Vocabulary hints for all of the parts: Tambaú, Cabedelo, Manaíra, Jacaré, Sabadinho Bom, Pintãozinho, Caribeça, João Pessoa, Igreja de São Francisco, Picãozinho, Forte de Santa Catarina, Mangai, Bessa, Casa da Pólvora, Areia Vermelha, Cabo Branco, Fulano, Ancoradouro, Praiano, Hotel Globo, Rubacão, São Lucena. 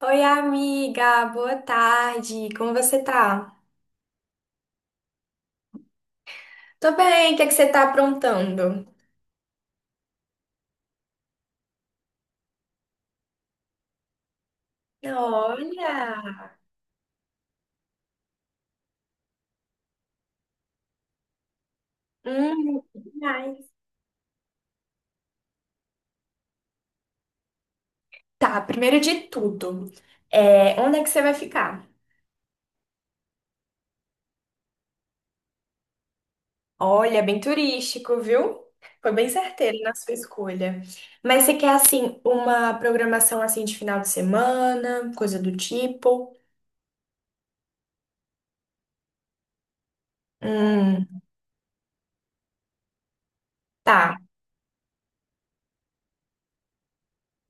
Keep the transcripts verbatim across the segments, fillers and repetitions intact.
Oi, amiga, boa tarde. Como você tá? Tô bem, o que é que você tá aprontando? Olha, hum, que demais. Tá, primeiro de tudo, é, onde é que você vai ficar? Olha, bem turístico, viu? Foi bem certeiro na sua escolha. Mas você quer, assim, uma programação, assim, de final de semana, coisa do tipo? Hum, tá.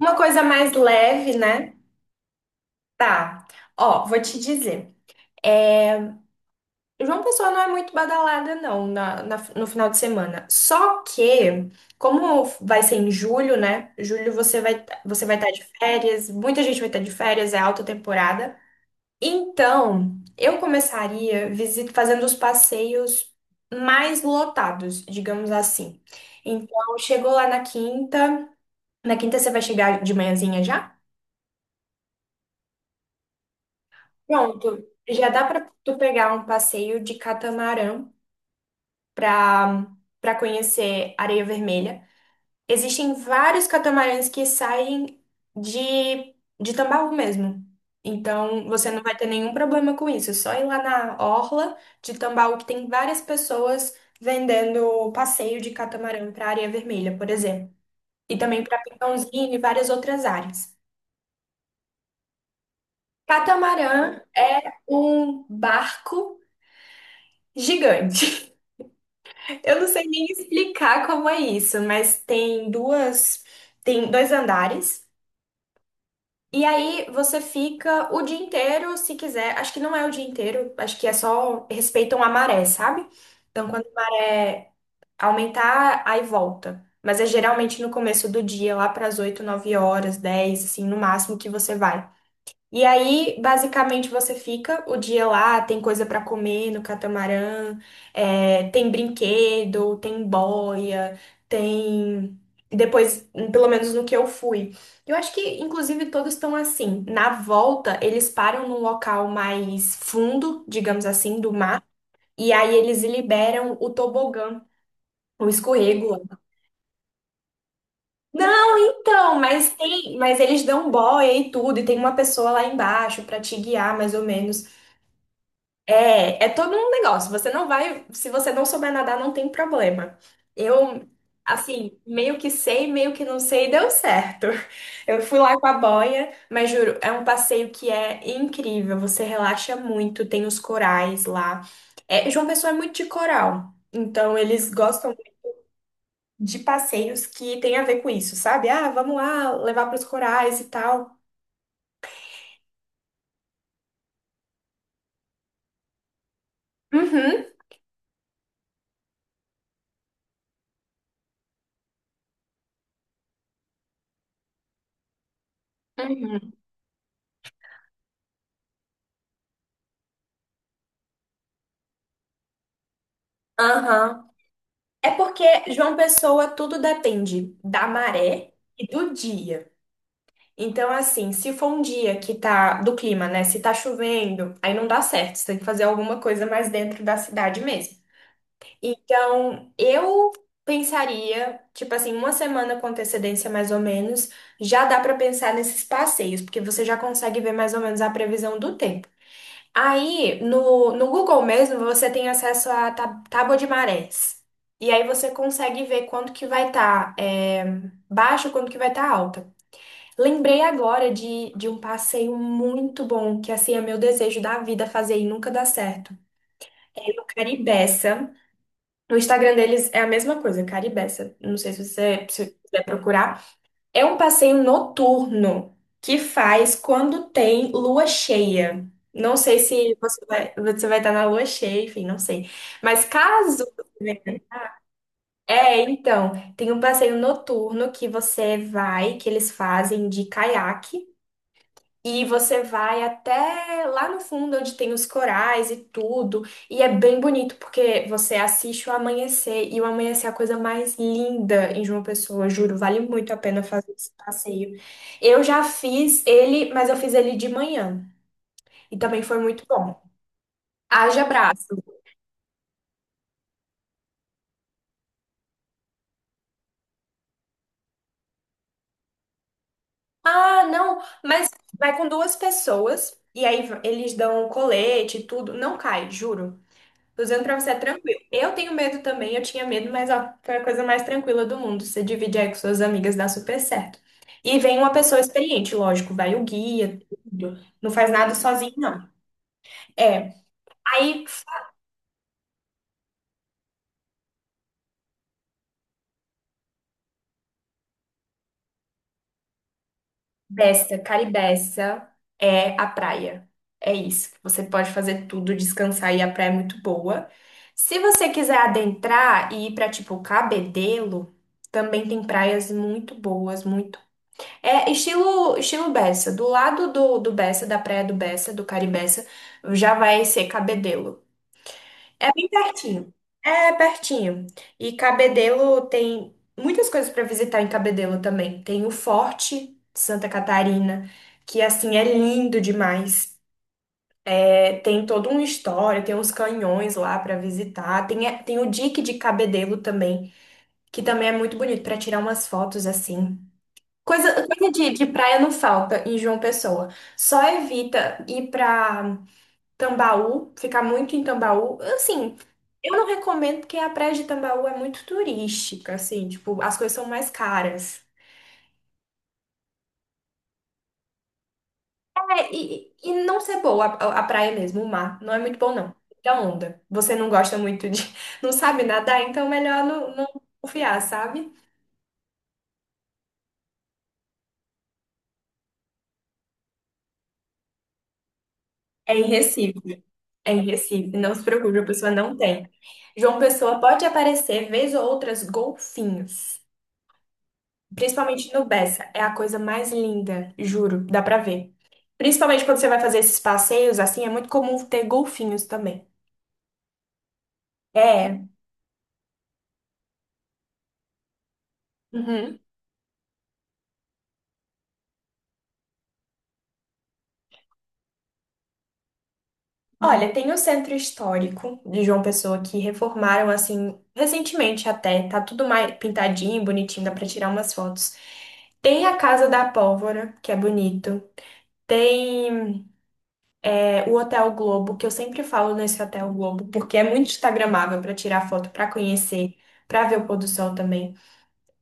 Uma coisa mais leve, né? Tá. Ó, vou te dizer. é, João Pessoa não é muito badalada, não, na, na- no final de semana. Só que, como vai ser em julho, né? Julho você vai, você vai estar de férias, muita gente vai estar de férias, é alta temporada. Então, eu começaria visit, fazendo os passeios mais lotados, digamos assim. Então, chegou lá na quinta. Na quinta você vai chegar de manhãzinha já? Pronto. Já dá para tu pegar um passeio de catamarã para para conhecer Areia Vermelha. Existem vários catamarãs que saem de, de Tambaú mesmo. Então, você não vai ter nenhum problema com isso. É só ir lá na orla de Tambaú, que tem várias pessoas vendendo passeio de catamarã para Areia Vermelha, por exemplo. E também para Pintãozinho e várias outras áreas. Catamarã é um barco gigante. Eu não sei nem explicar como é isso, mas tem duas, tem dois andares. E aí você fica o dia inteiro, se quiser. Acho que não é o dia inteiro, acho que é só respeitam a maré, sabe? Então quando a maré aumentar, aí volta. Mas é geralmente no começo do dia, lá para as oito, nove horas, dez, assim, no máximo que você vai. E aí, basicamente, você fica o dia lá, tem coisa pra comer no catamarã, é, tem brinquedo, tem boia, tem. Depois, pelo menos no que eu fui. Eu acho que, inclusive, todos estão assim. Na volta, eles param num local mais fundo, digamos assim, do mar, e aí eles liberam o tobogã, o escorrego lá. Não, então, mas tem, mas eles dão boia e tudo, e tem uma pessoa lá embaixo pra te guiar, mais ou menos. É, é todo um negócio. Você não vai, se você não souber nadar, não tem problema. Eu, assim, meio que sei, meio que não sei, deu certo. Eu fui lá com a boia, mas juro, é um passeio que é incrível. Você relaxa muito, tem os corais lá. É, João Pessoa é muito de coral, então eles gostam de passeios que tem a ver com isso, sabe? Ah, vamos lá levar para os corais e tal. Uhum. Uhum. Aham. É porque João Pessoa tudo depende da maré e do dia. Então, assim, se for um dia que tá do clima, né? Se tá chovendo, aí não dá certo. Você tem que fazer alguma coisa mais dentro da cidade mesmo. Então, eu pensaria, tipo assim, uma semana com antecedência mais ou menos, já dá pra pensar nesses passeios, porque você já consegue ver mais ou menos a previsão do tempo. Aí, no, no Google mesmo, você tem acesso à tá- tábua de marés. E aí você consegue ver quanto que vai estar baixo, quanto que vai estar alta. Lembrei agora de, de um passeio muito bom, que assim é meu desejo da vida fazer e nunca dá certo. É no Caribeça. No Instagram deles é a mesma coisa, Caribeça. Não sei se você se você quiser procurar. É um passeio noturno que faz quando tem lua cheia. Não sei se você vai, você vai estar na lua cheia, enfim, não sei. Mas caso. É, então, tem um passeio noturno que você vai, que eles fazem de caiaque. E você vai até lá no fundo, onde tem os corais e tudo. E é bem bonito, porque você assiste o amanhecer. E o amanhecer é a coisa mais linda em João Pessoa, juro. Vale muito a pena fazer esse passeio. Eu já fiz ele, mas eu fiz ele de manhã. E também foi muito bom. Haja braço. Ah, não, mas vai com duas pessoas. E aí eles dão colete e tudo. Não cai, juro. Tô usando pra você é tranquilo. Eu tenho medo também, eu tinha medo, mas ó, foi a coisa mais tranquila do mundo. Você divide aí com suas amigas, dá super certo. E vem uma pessoa experiente, lógico, vai o guia, tudo. Não faz nada sozinho, não. É, aí Bessa, Caribeça é a praia. É isso. Você pode fazer tudo, descansar e a praia é muito boa. Se você quiser adentrar e ir pra tipo Cabedelo, também tem praias muito boas, muito. É estilo, estilo Bessa. Do lado do, do Bessa, da praia do Bessa, do Caribeça, já vai ser Cabedelo. É bem pertinho. É pertinho. E Cabedelo tem muitas coisas para visitar em Cabedelo também. Tem o Forte de Santa Catarina, que assim é lindo demais. É, tem toda uma história, tem uns canhões lá para visitar. Tem, é, tem o dique de Cabedelo também, que também é muito bonito para tirar umas fotos assim. Coisa, coisa de, de praia não falta em João Pessoa. Só evita ir pra Tambaú, ficar muito em Tambaú. Assim, eu não recomendo porque a praia de Tambaú é muito turística, assim, tipo, as coisas são mais caras. É, e, e não ser boa a, a praia mesmo, o mar, não é muito bom, não. Da onda. Você não gosta muito de. Não sabe nadar, então é melhor não, não confiar, sabe? É em Recife. É em Recife, não se preocupe, a pessoa não tem. João Pessoa pode aparecer, vez ou outras, golfinhos. Principalmente no Bessa. É a coisa mais linda, juro, dá pra ver. Principalmente quando você vai fazer esses passeios, assim, é muito comum ter golfinhos também. É. Uhum. Olha, tem o centro histórico de João Pessoa que reformaram, assim, recentemente até. Tá tudo mais pintadinho, bonitinho, dá pra tirar umas fotos. Tem a Casa da Pólvora, que é bonito. Tem o Hotel Globo, que eu sempre falo nesse Hotel Globo, porque é muito instagramável para tirar foto, para conhecer, para ver o pôr do sol também.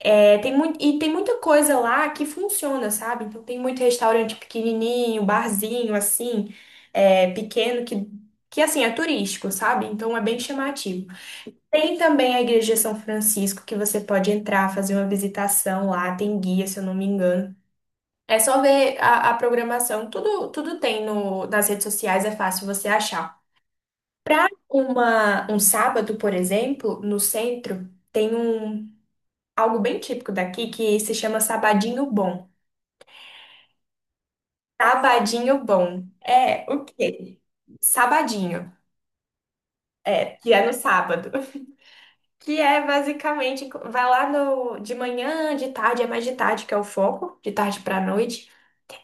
É, tem muito, e tem muita coisa lá que funciona, sabe? Então tem muito restaurante pequenininho, barzinho assim, é, pequeno que que assim é turístico, sabe? Então é bem chamativo. Tem também a Igreja de São Francisco que você pode entrar, fazer uma visitação lá, tem guia, se eu não me engano. É só ver a, a programação, tudo, tudo tem no, nas redes sociais, é fácil você achar. Para uma um sábado, por exemplo, no centro, tem um algo bem típico daqui que se chama Sabadinho Bom. Sabadinho Bom é o quê? Sabadinho, que é no sábado. Que é basicamente, vai lá no, de manhã, de tarde, é mais de tarde que é o foco, de tarde para noite.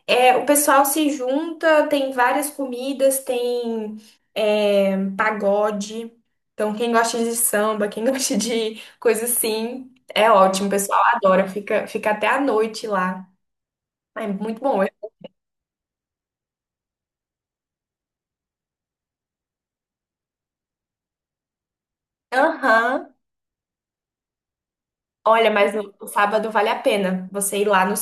É, o pessoal se junta, tem várias comidas, tem é, pagode. Então, quem gosta de samba, quem gosta de coisa assim, é ótimo. O pessoal adora, fica, fica até a noite lá. É muito bom. Aham. Olha, mas no no sábado vale a pena você ir lá no.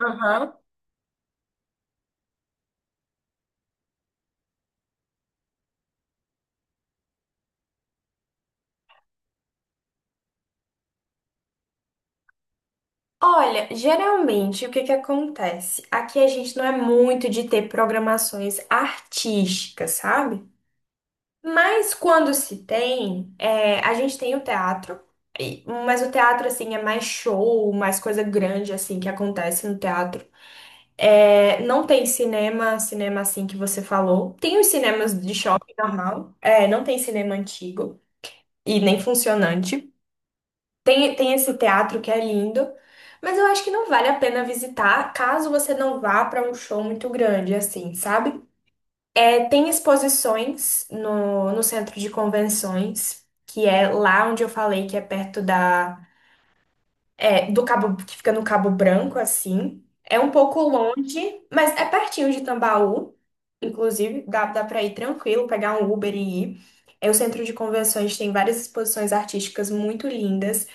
Aham. Olha, geralmente o que que acontece? Aqui a gente não é muito de ter programações artísticas, sabe? Mas quando se tem, é, a gente tem o teatro, e- mas o teatro, assim, é mais show, mais coisa grande, assim, que acontece no teatro. É, não tem cinema, cinema assim que você falou. Tem os cinemas de shopping normal, é, não tem cinema antigo e nem funcionante. Tem, tem esse teatro que é lindo, mas eu acho que não vale a pena visitar caso você não vá para um show muito grande, assim, sabe? É, tem exposições no, no centro de convenções, que é lá onde eu falei que é perto da, é, do Cabo, que fica no Cabo Branco, assim. É um pouco longe, mas é pertinho de Tambaú, inclusive, dá, dá para ir tranquilo, pegar um Uber e ir. É, o centro de convenções tem várias exposições artísticas muito lindas,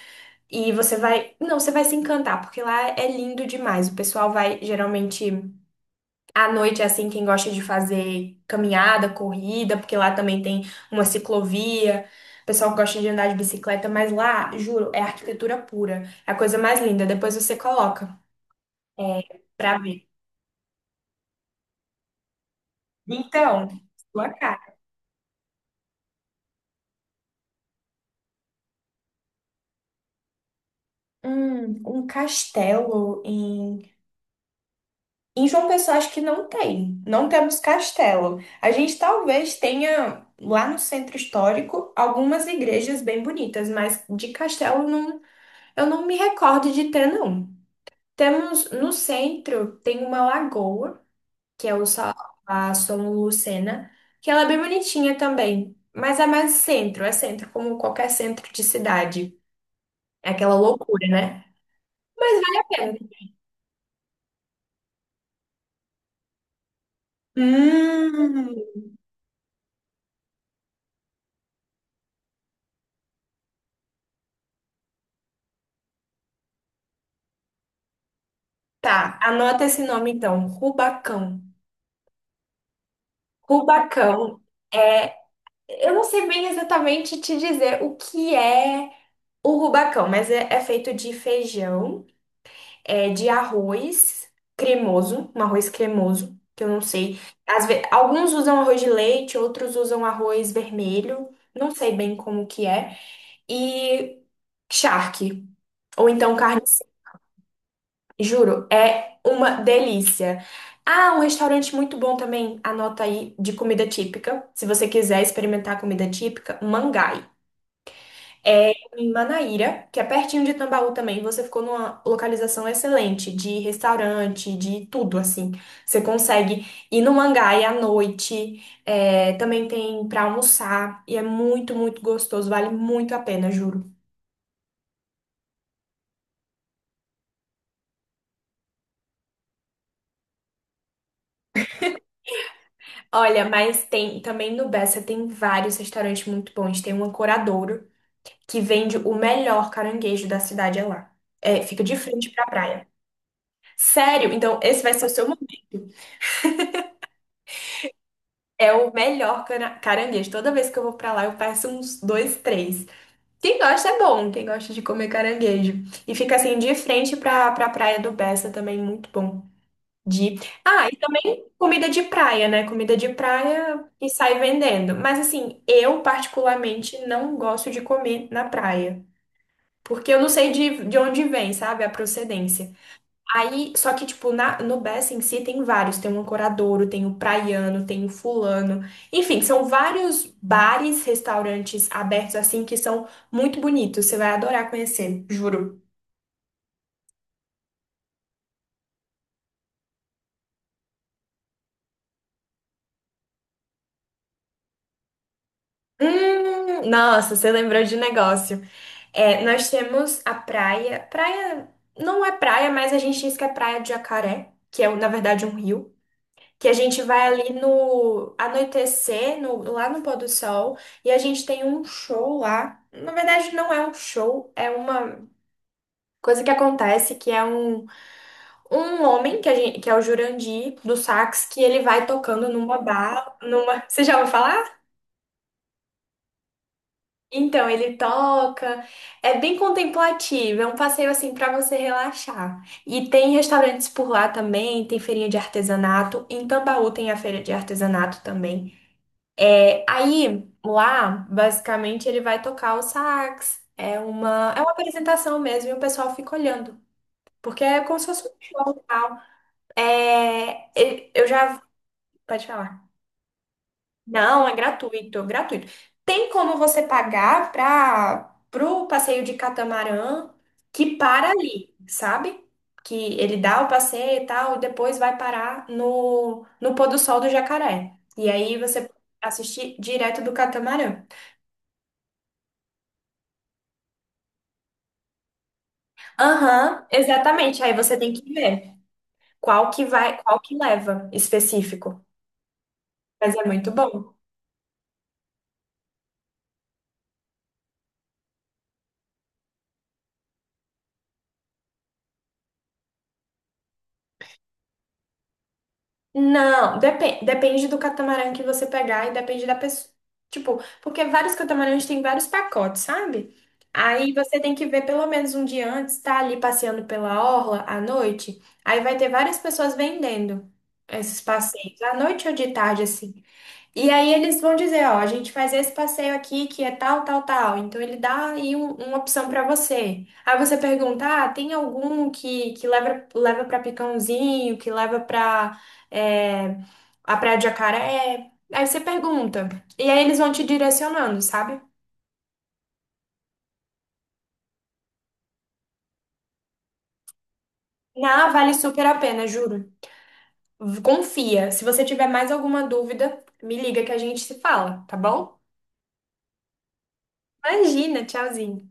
e você vai, não, você vai se encantar, porque lá é lindo demais. O pessoal vai geralmente. À noite, é assim, quem gosta de fazer caminhada, corrida, porque lá também tem uma ciclovia. O pessoal gosta de andar de bicicleta, mas lá, juro, é arquitetura pura. É a coisa mais linda. Depois você coloca, é, pra ver. Então, sua cara. Hum, um castelo em... Em João Pessoa, acho que não tem. Não temos castelo. A gente talvez tenha, lá no centro histórico, algumas igrejas bem bonitas, mas de castelo não, eu não me recordo de ter, não. Temos no centro tem uma lagoa, que é o Sa- a São Lucena, que ela é bem bonitinha também, mas é mais centro, é centro como qualquer centro de cidade. É aquela loucura, né? Mas vale a pena. Hum, tá, anota esse nome então, Rubacão. Rubacão. é, Eu não sei bem exatamente te dizer o que é o rubacão, mas é, é feito de feijão. É de arroz cremoso, um arroz cremoso, que eu não sei. Às ve- Alguns usam arroz de leite, outros usam arroz vermelho, não sei bem como que é. E charque, ou então carne seca. Juro, é uma delícia. Ah, um restaurante muito bom também, anota aí, de comida típica. Se você quiser experimentar comida típica, Mangai. É em Manaíra, que é pertinho de Tambaú também. Você ficou numa localização excelente de restaurante, de tudo assim. Você consegue ir no Mangai à noite, é, também tem pra almoçar e é muito, muito gostoso. Vale muito a pena, juro. Olha, mas tem também no Bessa, tem vários restaurantes muito bons. Tem um Ancoradouro que vende o melhor caranguejo da cidade, é lá. É, fica de frente pra praia. Sério? Então esse vai ser o seu momento. É o melhor cana- caranguejo. Toda vez que eu vou pra lá, eu peço uns dois, três. Quem gosta é bom, quem gosta de comer caranguejo. E fica assim de frente pra, pra Praia do Bessa também, muito bom. De... Ah, e também comida de praia, né? Comida de praia e sai vendendo. Mas assim, eu particularmente não gosto de comer na praia. Porque eu não sei de, de onde vem, sabe? A procedência. Aí, só que, tipo, na, no Bessa em si tem vários. Tem o Ancoradouro, tem o Praiano, tem o Fulano. Enfim, são vários bares, restaurantes abertos assim, que são muito bonitos. Você vai adorar conhecer, juro. Hum, nossa, você lembrou de negócio. É, nós temos a praia. Praia não é praia, mas a gente diz que é praia de Jacaré, que é, na verdade, um rio, que a gente vai ali no anoitecer, no- lá no pôr do sol, e a gente tem um show lá. Na verdade, não é um show, é uma coisa que acontece, que é um, um homem, que, a gente, que é o Jurandir, do sax, que ele vai tocando numa barra, numa... Você já ouviu falar? Então, ele toca, é bem contemplativo, é um passeio assim para você relaxar. E tem restaurantes por lá também, tem feirinha de artesanato, em Tambaú tem a feira de artesanato também. É, aí, lá, basicamente, ele vai tocar o sax. É uma, é uma apresentação mesmo, e o pessoal fica olhando. Porque é como se fosse um show e tal. É, e- eu já. Pode falar. Não, é gratuito, gratuito. Tem como você pagar para pro passeio de catamarã, que para ali, sabe? Que ele dá o passeio e tal, e depois vai parar no, no pôr do sol do Jacaré. E aí você assistir direto do catamarã. Aham, exatamente. Aí você tem que ver qual que vai, qual que leva específico. Mas é muito bom. Não, depen- depende do catamarã que você pegar e depende da pessoa. Tipo, porque vários catamarãs têm vários pacotes, sabe? Aí você tem que ver pelo menos um dia antes, tá ali passeando pela orla à noite. Aí vai ter várias pessoas vendendo esses passeios, à noite ou de tarde, assim. E aí eles vão dizer, ó, a gente faz esse passeio aqui que é tal, tal, tal. Então ele dá aí um- uma opção pra você. Aí você pergunta, ah, tem algum que, que leva leva para Picãozinho, que leva pra, é, a Praia de Jacaré? Aí você pergunta. E aí eles vão te direcionando, sabe? Na, vale super a pena, juro. V- Confia. Se você tiver mais alguma dúvida, me liga que a gente se fala, tá bom? Imagina, tchauzinho.